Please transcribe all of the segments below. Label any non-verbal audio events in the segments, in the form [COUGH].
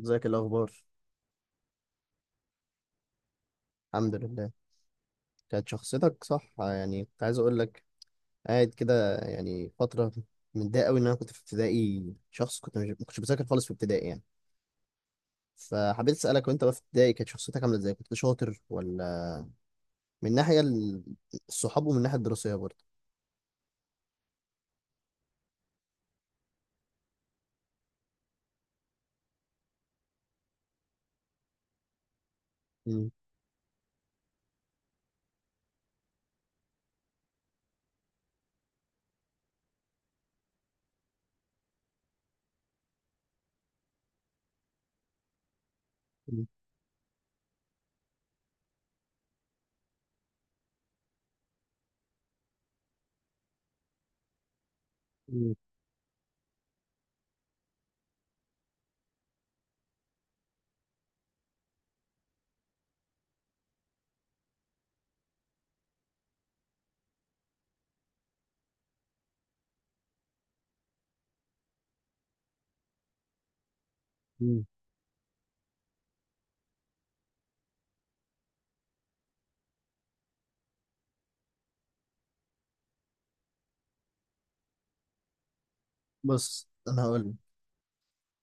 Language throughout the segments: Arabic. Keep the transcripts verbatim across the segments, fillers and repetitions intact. ازيك الاخبار. الحمد لله. كانت شخصيتك صح، يعني كنت عايز اقول لك، قاعد كده يعني فتره متضايق قوي ان انا كنت في ابتدائي، شخص كنت مش ما كنتش بذاكر خالص في ابتدائي يعني. فحبيت اسالك، وانت بقى في ابتدائي كانت شخصيتك عامله ازاي؟ كنت شاطر؟ ولا من ناحيه ال- الصحاب، ومن الناحيه الدراسيه برضه؟ مم. مم. مم. مم. بص انا هقول لك،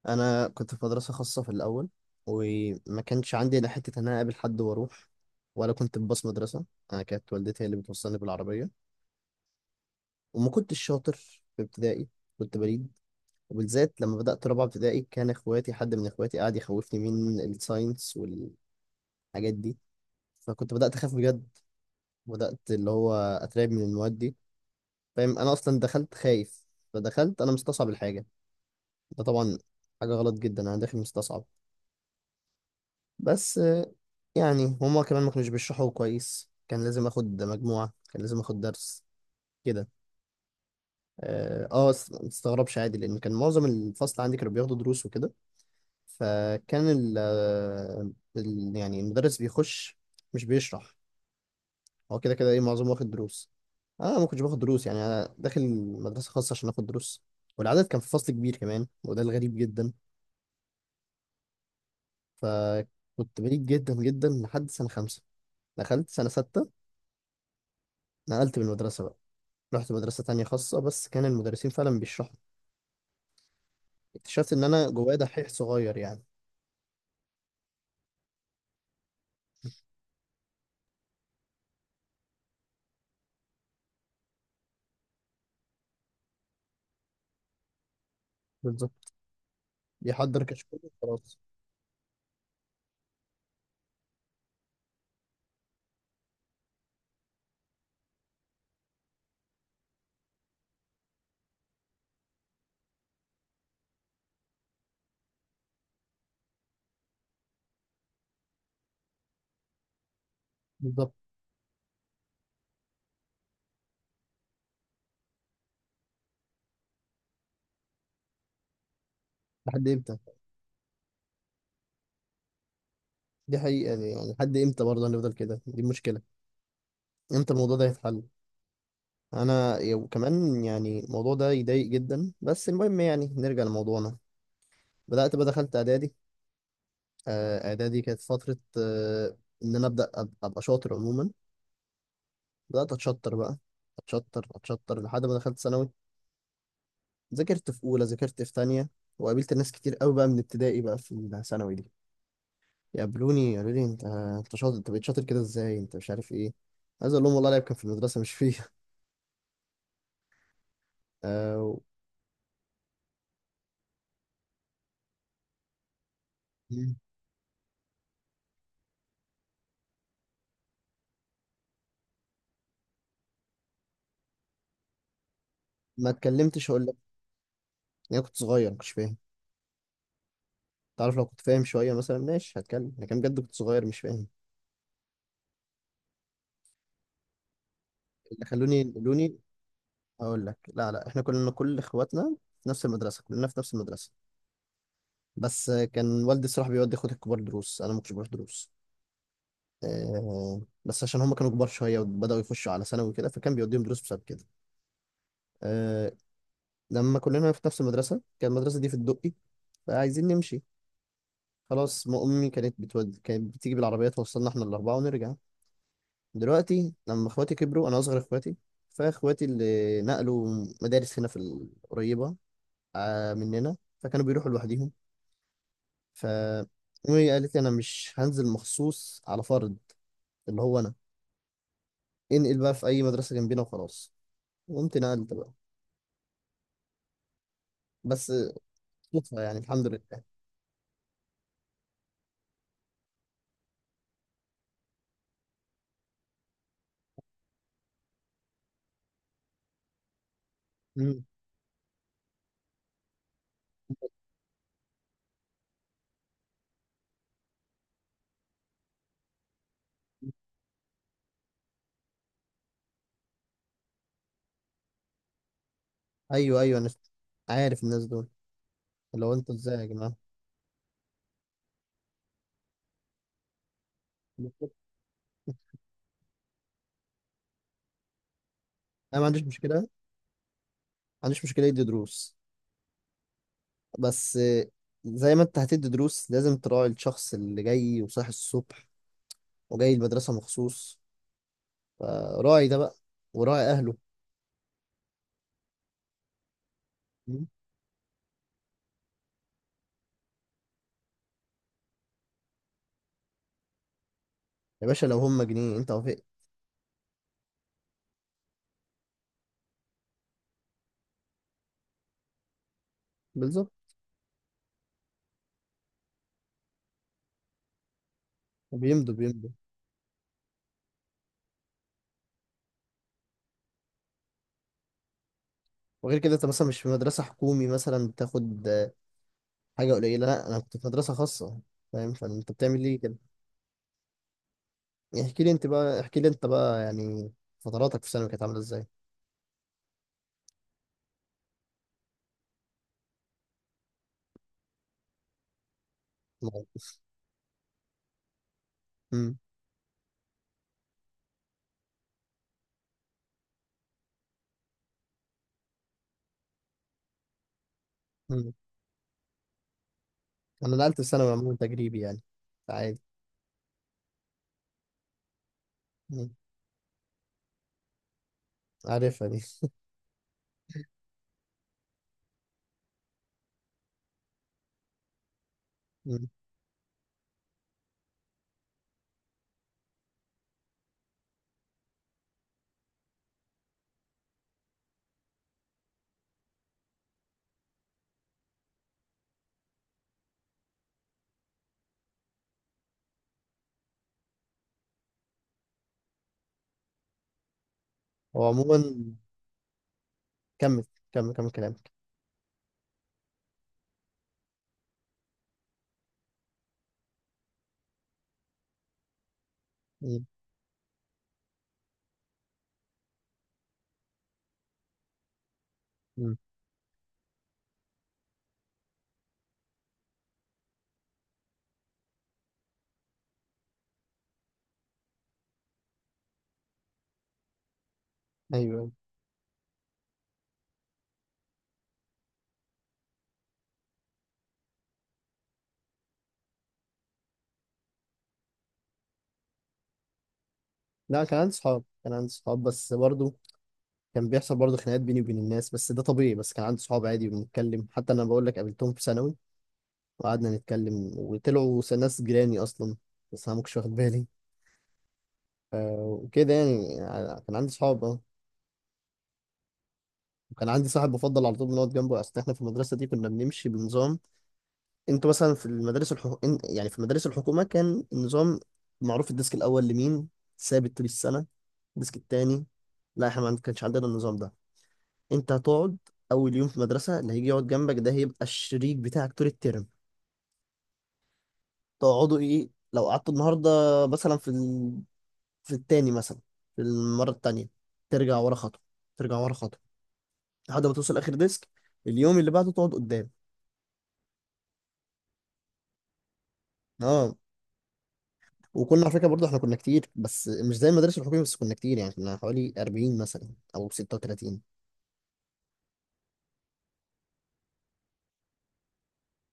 انا كنت في مدرسه خاصه في الاول، وما كانش عندي لا حته ان انا اقابل حد واروح، ولا كنت بباص مدرسه، انا كانت والدتي هي اللي بتوصلني بالعربيه. وما كنتش شاطر في ابتدائي، كنت بليد. وبالذات لما بدأت رابعة ابتدائي كان اخواتي حد من اخواتي قاعد يخوفني من الساينس والحاجات دي، فكنت بدأت اخاف بجد، بدأت اللي هو اترعب من المواد دي. فاهم؟ انا اصلا دخلت خايف، فدخلت انا مستصعب الحاجة، ده طبعا حاجة غلط جدا، انا داخل مستصعب. بس آه، يعني هما كمان ما كانوش بيشرحوا كويس، كان لازم اخد مجموعة، كان لازم اخد درس كده. اه، آه، ما تستغربش عادي، لان كان معظم الفصل عندي كانوا بياخدوا دروس وكده. فكان ال آه، ال- يعني المدرس بيخش مش بيشرح، هو كده كده ايه معظمه واخد دروس. آه، انا ما كنتش باخد دروس، يعني انا داخل مدرسه خاصه عشان اخد دروس، والعدد كان في فصل كبير كمان، وده الغريب جدا. فكنت بعيد جدا جدا لحد سنه خمسة. دخلت سنه ستة نقلت من المدرسه بقى، رحت مدرسه تانية خاصه بس كان المدرسين فعلا بيشرحوا، اكتشفت ان انا جوايا دحيح صغير يعني. بالظبط، بيحضر كشكول وخلاص. بالظبط. لحد امتى؟ دي حقيقة دي، يعني لحد امتى برضه هنفضل كده؟ دي المشكلة، امتى الموضوع ده هيتحل؟ انا يو- كمان يعني الموضوع ده يضايق جدا، بس المهم يعني نرجع لموضوعنا. بدأت بقى دخلت اعدادي، آه، اعدادي كانت فترة آه، ان انا ابدأ أب- ابقى شاطر عموما. بدأت اتشطر بقى، اتشطر اتشطر لحد ما دخلت ثانوي، ذاكرت في اولى، ذاكرت في تانية. وقابلت ناس كتير قوي بقى من ابتدائي بقى في الثانوي دي يقابلوني يقولوا لي انت انت شاطر، انت بقيت شاطر كده ازاي، انت مش عارف ايه. عايز اقول لهم والله العيب كان في المدرسة مش فيه. [LAUGHS] مم. ما اتكلمتش اقول لك، انا كنت صغير مش فاهم. تعرف لو كنت فاهم شويه مثلا ماشي هتكلم، لكن بجد كنت صغير مش فاهم. اللي خلوني ينقلوني اقول لك، لا لا احنا كلنا، كل اخواتنا في نفس المدرسه، كلنا في نفس المدرسه. بس كان والدي الصراحه بيودي اخواتي الكبار دروس، انا ما كنتش بروح دروس. أه، بس عشان هم كانوا كبار شويه وبداوا يخشوا على ثانوي وكده، فكان بيوديهم دروس بسبب كده. أه. لما كلنا في نفس المدرسه، كان المدرسه دي في الدقي، فعايزين نمشي خلاص. ما امي كانت بتود... كانت بتيجي بالعربيه توصلنا احنا الاربعه ونرجع. دلوقتي لما اخواتي كبروا، انا اصغر اخواتي، فاخواتي اللي نقلوا مدارس هنا في القريبه آه، مننا، فكانوا بيروحوا لوحديهم. ف امي قالت لي انا مش هنزل مخصوص على فرد، اللي هو انا، انقل بقى في اي مدرسه جنبنا وخلاص. قمت نقلت بقى، بس صدفه يعني، الحمد لله. مم. ايوه ايوه، انا عارف الناس دول، اللي هو انتوا ازاي يا جماعه. انا ما عنديش مشكله، ما عنديش مشكله يدي دروس، بس زي ما انت هتدي دروس لازم تراعي الشخص اللي جاي وصاحي الصبح وجاي المدرسة مخصوص، فراعي ده بقى، وراعي أهله. مم. يا باشا لو هم جنيه انت وافقت. بالظبط. بيمضوا بيمضوا. وغير كده انت مثلا مش في مدرسة حكومي مثلا بتاخد آه، حاجة قليلة، لا انا كنت في مدرسة خاصة، فاهم؟ فانت بتعمل ليه كده؟ يعني احكي لي انت بقى، احكي لي انت بقى، يعني فتراتك في ثانوي كانت عاملة ازاي؟ مم. مم. انا نقلت في ثانوي عموما تجريبي يعني، عادي. مم. عارفها دي. هو عموما، كمل كمل كمل كلامك. مم. مم. ايوه، أيوة. لا كان عندي صحاب، كان عندي صحاب، بس برضه كان بيحصل برضه خناقات بيني وبين الناس، بس ده طبيعي. بس كان عندي صحاب عادي وبنتكلم، حتى انا بقول لك قابلتهم في ثانوي وقعدنا نتكلم وطلعوا س- ناس جيراني اصلا، بس انا ما كنتش واخد بالي. ف- وكده يعني، ع- كان عندي صحاب اه. وكان عندي صاحب بفضل على طول بنقعد جنبه. اصل احنا في المدرسه دي كنا بنمشي بنظام. انتوا مثلا في المدارس الحكو... إن- يعني في مدارس الحكومه كان النظام معروف، الديسك الاول لمين، ثابت طول السنه، الديسك التاني. لا احنا ما كانش عندنا النظام ده، انت هتقعد اول يوم في المدرسه، اللي هيجي يقعد جنبك ده هيبقى الشريك بتاعك طول الترم. تقعدوا ايه لو قعدتوا النهارده مثلا في ال... في التاني مثلا، في المره التانيه ترجع ورا خطوه، ترجع ورا خطوه لحد ما توصل اخر ديسك، اليوم اللي بعده تقعد قدام. اه. وكنا على فكره برضه احنا كنا كتير، بس مش زي المدارس الحكوميه، بس كنا كتير يعني، كنا حوالي أربعين مثلا او ستة وتلاتين.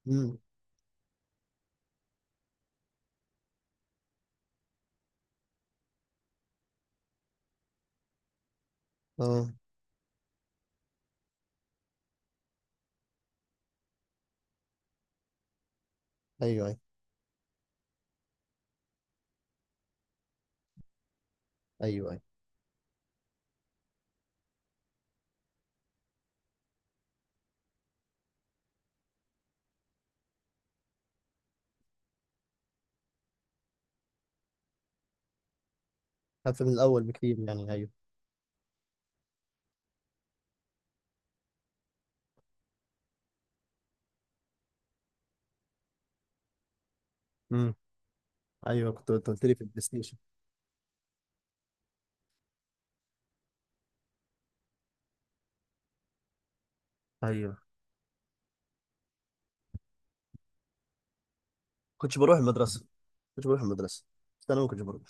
امم. اه. ايوه ايوه. ايوه ايوه. خف من الاول بكتير، يعني ايوه. مم. ايوه كنت انت قلت لي في البلاي ستيشن. ايوه، كنتش بروح المدرسه كنتش بروح المدرسه. بس انا ما كنتش بروح،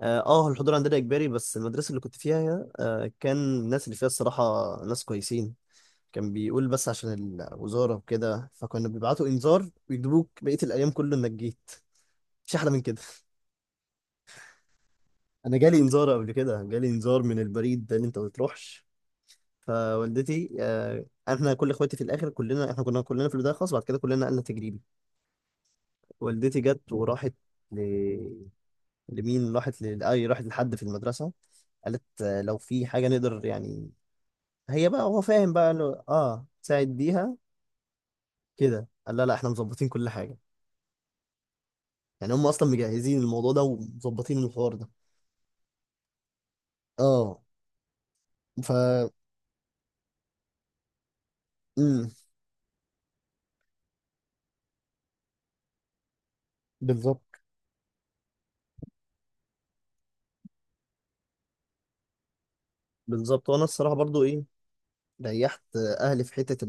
اه، آه، الحضور عندنا اجباري، بس المدرسه اللي كنت فيها آه كان الناس اللي فيها الصراحه ناس كويسين، كان بيقول بس عشان الوزاره وكده، فكنا بيبعتوا انذار ويجيبوك بقيه الايام كله انك جيت. مش احلى من كده؟ [LAUGHS] انا جالي انذار قبل كده، جالي انذار من البريد ده ان انت ما تروحش. فوالدتي آه، احنا كل اخواتي في الاخر كلنا، احنا كنا كلنا في البدايه خالص، بعد كده كلنا نقلنا تجريبي. والدتي جت وراحت، لمين راحت ل... أي راحت لحد في المدرسة، قالت آه، لو في حاجة نقدر يعني، هي بقى هو فاهم بقى قال له اه ساعد بيها. كده قال لا لا احنا مظبطين كل حاجة. يعني هم أصلا مجهزين الموضوع ده ومظبطين الحوار ده. اه. ف امم. بالظبط. بالظبط. وأنا الصراحة برضو إيه، ريحت آه، أهلي في حتة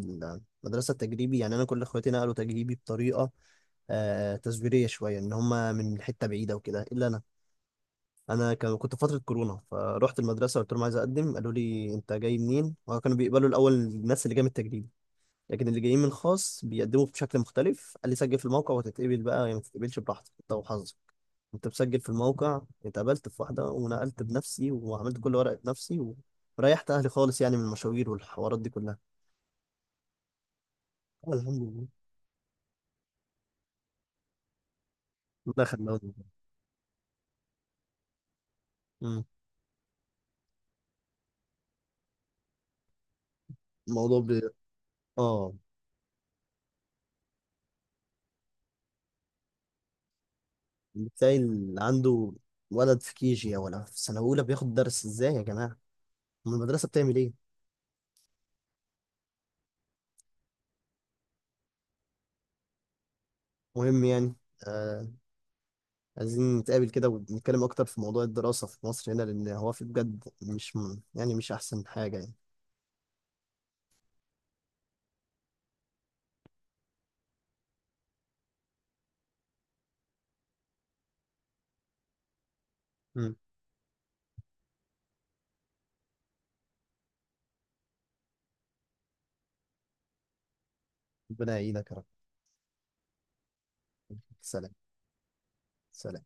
المدرسة التجريبي يعني. أنا كل إخواتي نقلوا تجريبي بطريقة آه تزويرية شوية، إن هم من حتة بعيدة وكده، إلا أنا، انا كان كنت في فتره كورونا فروحت المدرسه قلت لهم عايز اقدم، قالوا لي انت جاي منين؟ وكانوا بيقبلوا الاول الناس اللي جايه من التجريبي، لكن اللي جايين من الخاص بيقدموا بشكل مختلف. قال لي سجل في الموقع وتتقبل بقى يا ما تتقبلش براحتك، انت وحظك. كنت مسجل في الموقع، اتقبلت في واحده ونقلت بنفسي وعملت كل ورقه بنفسي و- وريحت اهلي خالص يعني من المشاوير والحوارات دي كلها. الحمد لله، ده خلاهم. مم. الموضوع ب... اه، بتلاقي اللي عنده ولد في كيجي ولا في سنه اولى بياخد درس، ازاي يا جماعه؟ أم المدرسة بتعمل إيه؟ مهم يعني. آه. عايزين نتقابل كده ونتكلم أكتر في موضوع الدراسة في مصر هنا، لأن هو في بجد مش م- يعني مش أحسن حاجة يعني. أمم. ربنا يعينك يا رب. سلام. سلام.